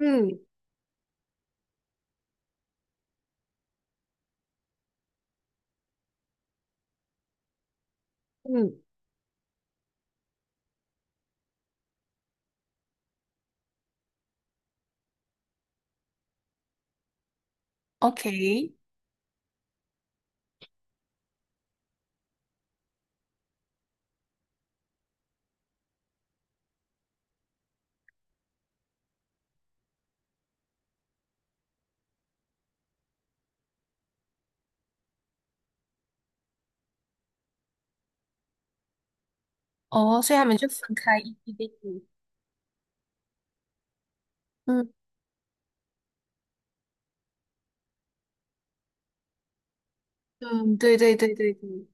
嗯嗯？OK，哦，所以他们就分开一地点点。嗯嗯，对对对对对，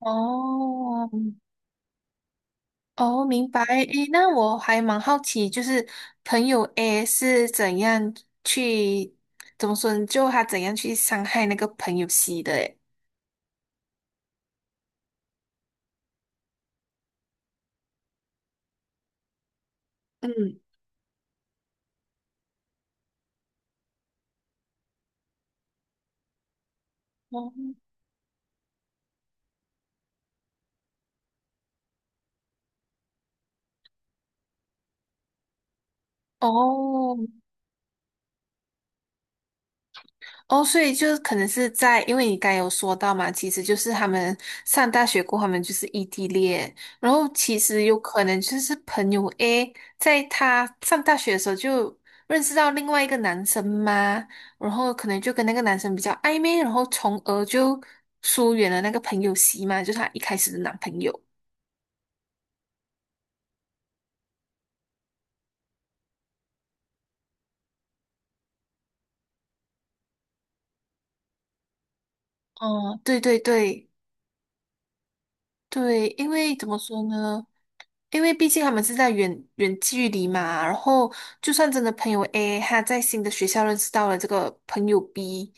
哦，哦，明白。诶，那我还蛮好奇，就是朋友 A 是怎样去，怎么说呢？就他怎样去伤害那个朋友 C 的？诶，嗯哦，哦，哦，所以就是可能是在，因为你刚才有说到嘛，其实就是他们上大学过后，他们就是异地恋，然后其实有可能就是朋友 A 在他上大学的时候就认识到另外一个男生嘛，然后可能就跟那个男生比较暧昧，然后从而就疏远了那个朋友 C 嘛，就是他一开始的男朋友。哦，对对对。对，因为怎么说呢？因为毕竟他们是在远远距离嘛，然后就算真的朋友 A 他在新的学校认识到了这个朋友 B，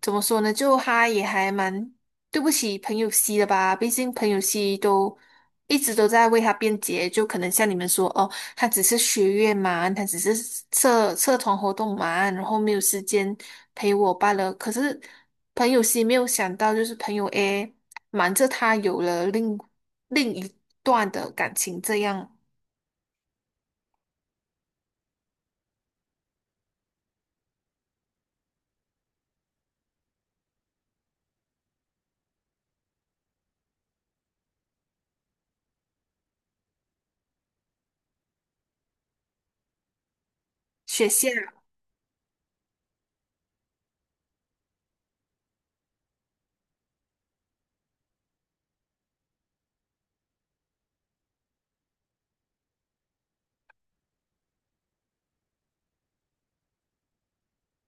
怎么说呢？就他也还蛮对不起朋友 C 的吧，毕竟朋友 C 都一直都在为他辩解，就可能像你们说哦，他只是学业嘛，他只是社社团活动嘛，然后没有时间陪我罢了。可是朋友 C 没有想到，就是朋友 A，瞒着他有了另一段的感情，这样。雪线啊。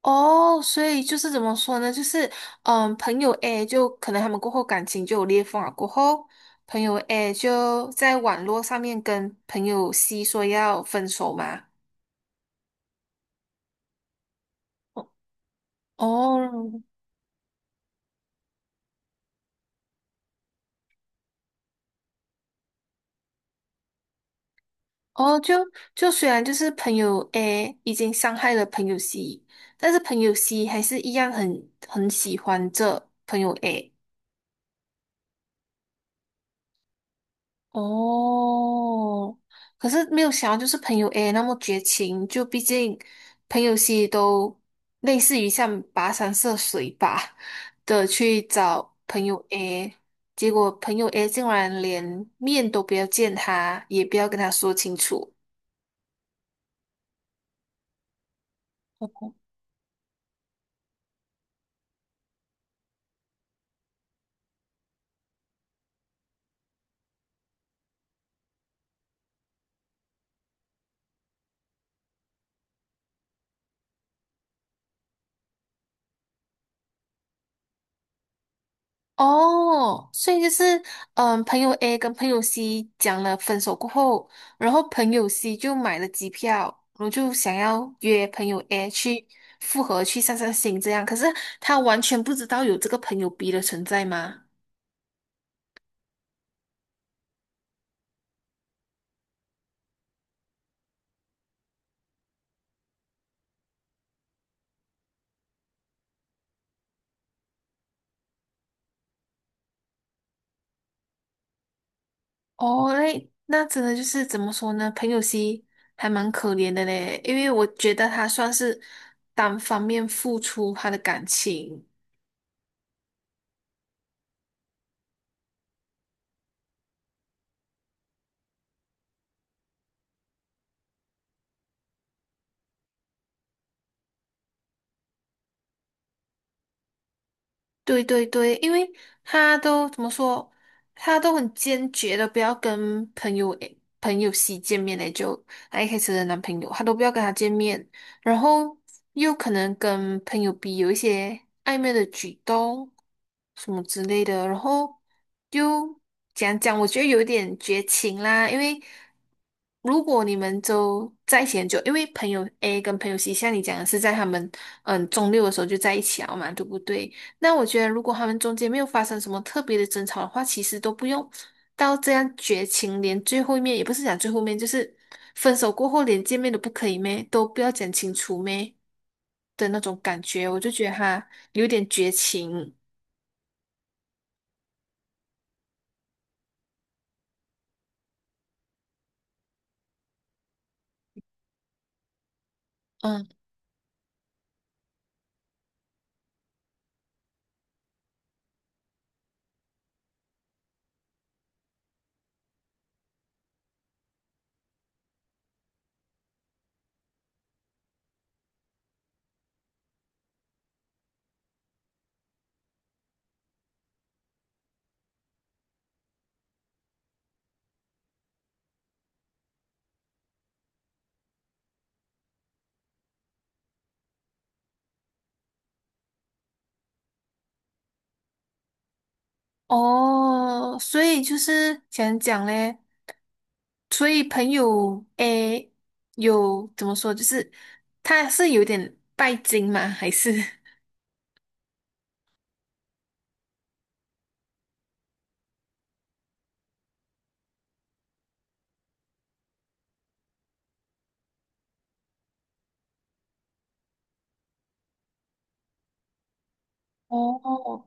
哦，所以就是怎么说呢？就是朋友 A 就可能他们过后感情就有裂缝了，过后朋友 A 就在网络上面跟朋友 C 说要分手嘛。哦哦，就虽然就是朋友 A 已经伤害了朋友 C，但是朋友 C 还是一样很喜欢这朋友 A。哦，可是没有想到，就是朋友 A 那么绝情，就毕竟朋友 C 都类似于像跋山涉水吧的去找朋友 A，结果朋友 A 竟然连面都不要见他，也不要跟他说清楚。哦，所以就是，嗯，朋友 A 跟朋友 C 讲了分手过后，然后朋友 C 就买了机票，然后就想要约朋友 A 去复合去散散心这样，可是他完全不知道有这个朋友 B 的存在吗？哦，那真的就是怎么说呢？朋友 C 还蛮可怜的嘞，因为我觉得他算是单方面付出他的感情，对对对，因为他都怎么说，他都很坚决的不要跟朋友 C 见面嘞，就他一开始的男朋友，他都不要跟他见面，然后又可能跟朋友 B 有一些暧昧的举动什么之类的，然后就讲讲，我觉得有一点绝情啦，因为如果你们都在一起很久，因为朋友 A 跟朋友 C，像你讲的是在他们中六的时候就在一起了嘛，对不对？那我觉得，如果他们中间没有发生什么特别的争吵的话，其实都不用到这样绝情，连最后一面也不是讲最后面，就是分手过后连见面都不可以咩，都不要讲清楚咩的那种感觉，我就觉得他有点绝情。嗯，哦，所以就是想讲嘞，所以朋友 A 有怎么说，就是他是有点拜金吗？还是？哦，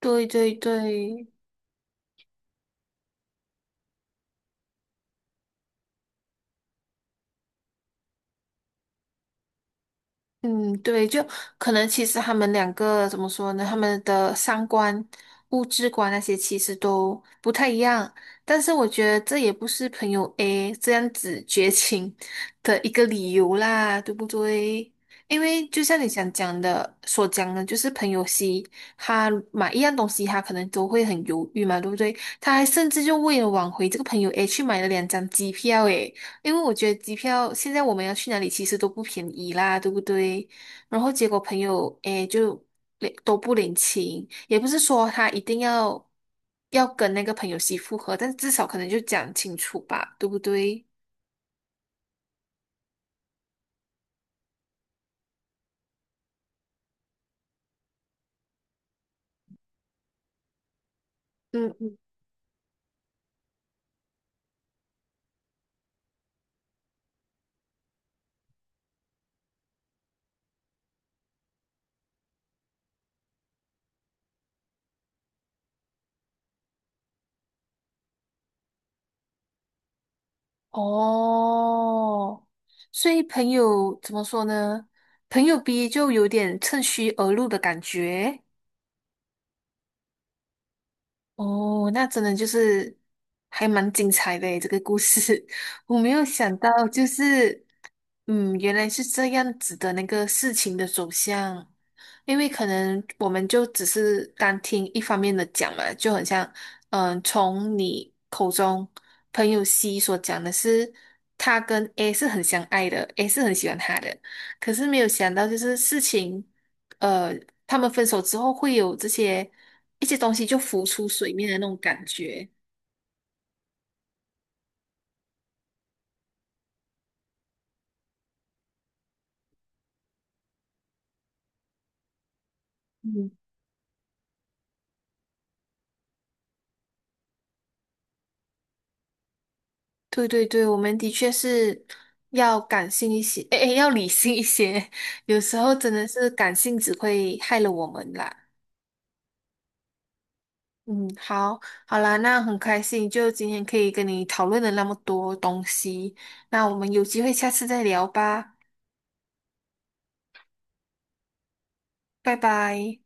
对对对，嗯，对，就可能其实他们两个怎么说呢？他们的三观、物质观那些其实都不太一样，但是我觉得这也不是朋友 A 这样子绝情的一个理由啦，对不对？因为就像你想讲的所讲的，就是朋友 C 他买一样东西，他可能都会很犹豫嘛，对不对？他还甚至就为了挽回这个朋友 A 去买了2张机票，诶。因为我觉得机票现在我们要去哪里其实都不便宜啦，对不对？然后结果朋友诶就领都不领情，也不是说他一定要跟那个朋友媳复合，但至少可能就讲清楚吧，对不对？嗯嗯，哦，所以朋友怎么说呢？朋友 B 就有点趁虚而入的感觉。哦，那真的就是还蛮精彩的诶，这个故事 我没有想到，就是。嗯，原来是这样子的那个事情的走向，因为可能我们就只是单听一方面的讲嘛，就很像，从你口中朋友 C 所讲的是，他跟 A 是很相爱的，A 是很喜欢他的，可是没有想到就是事情，呃，他们分手之后会有这些一些东西就浮出水面的那种感觉。嗯对对对，我们的确是要感性一些，诶，诶要理性一些。有时候真的是感性只会害了我们啦。嗯，好，好啦，那很开心，就今天可以跟你讨论了那么多东西。那我们有机会下次再聊吧，拜拜。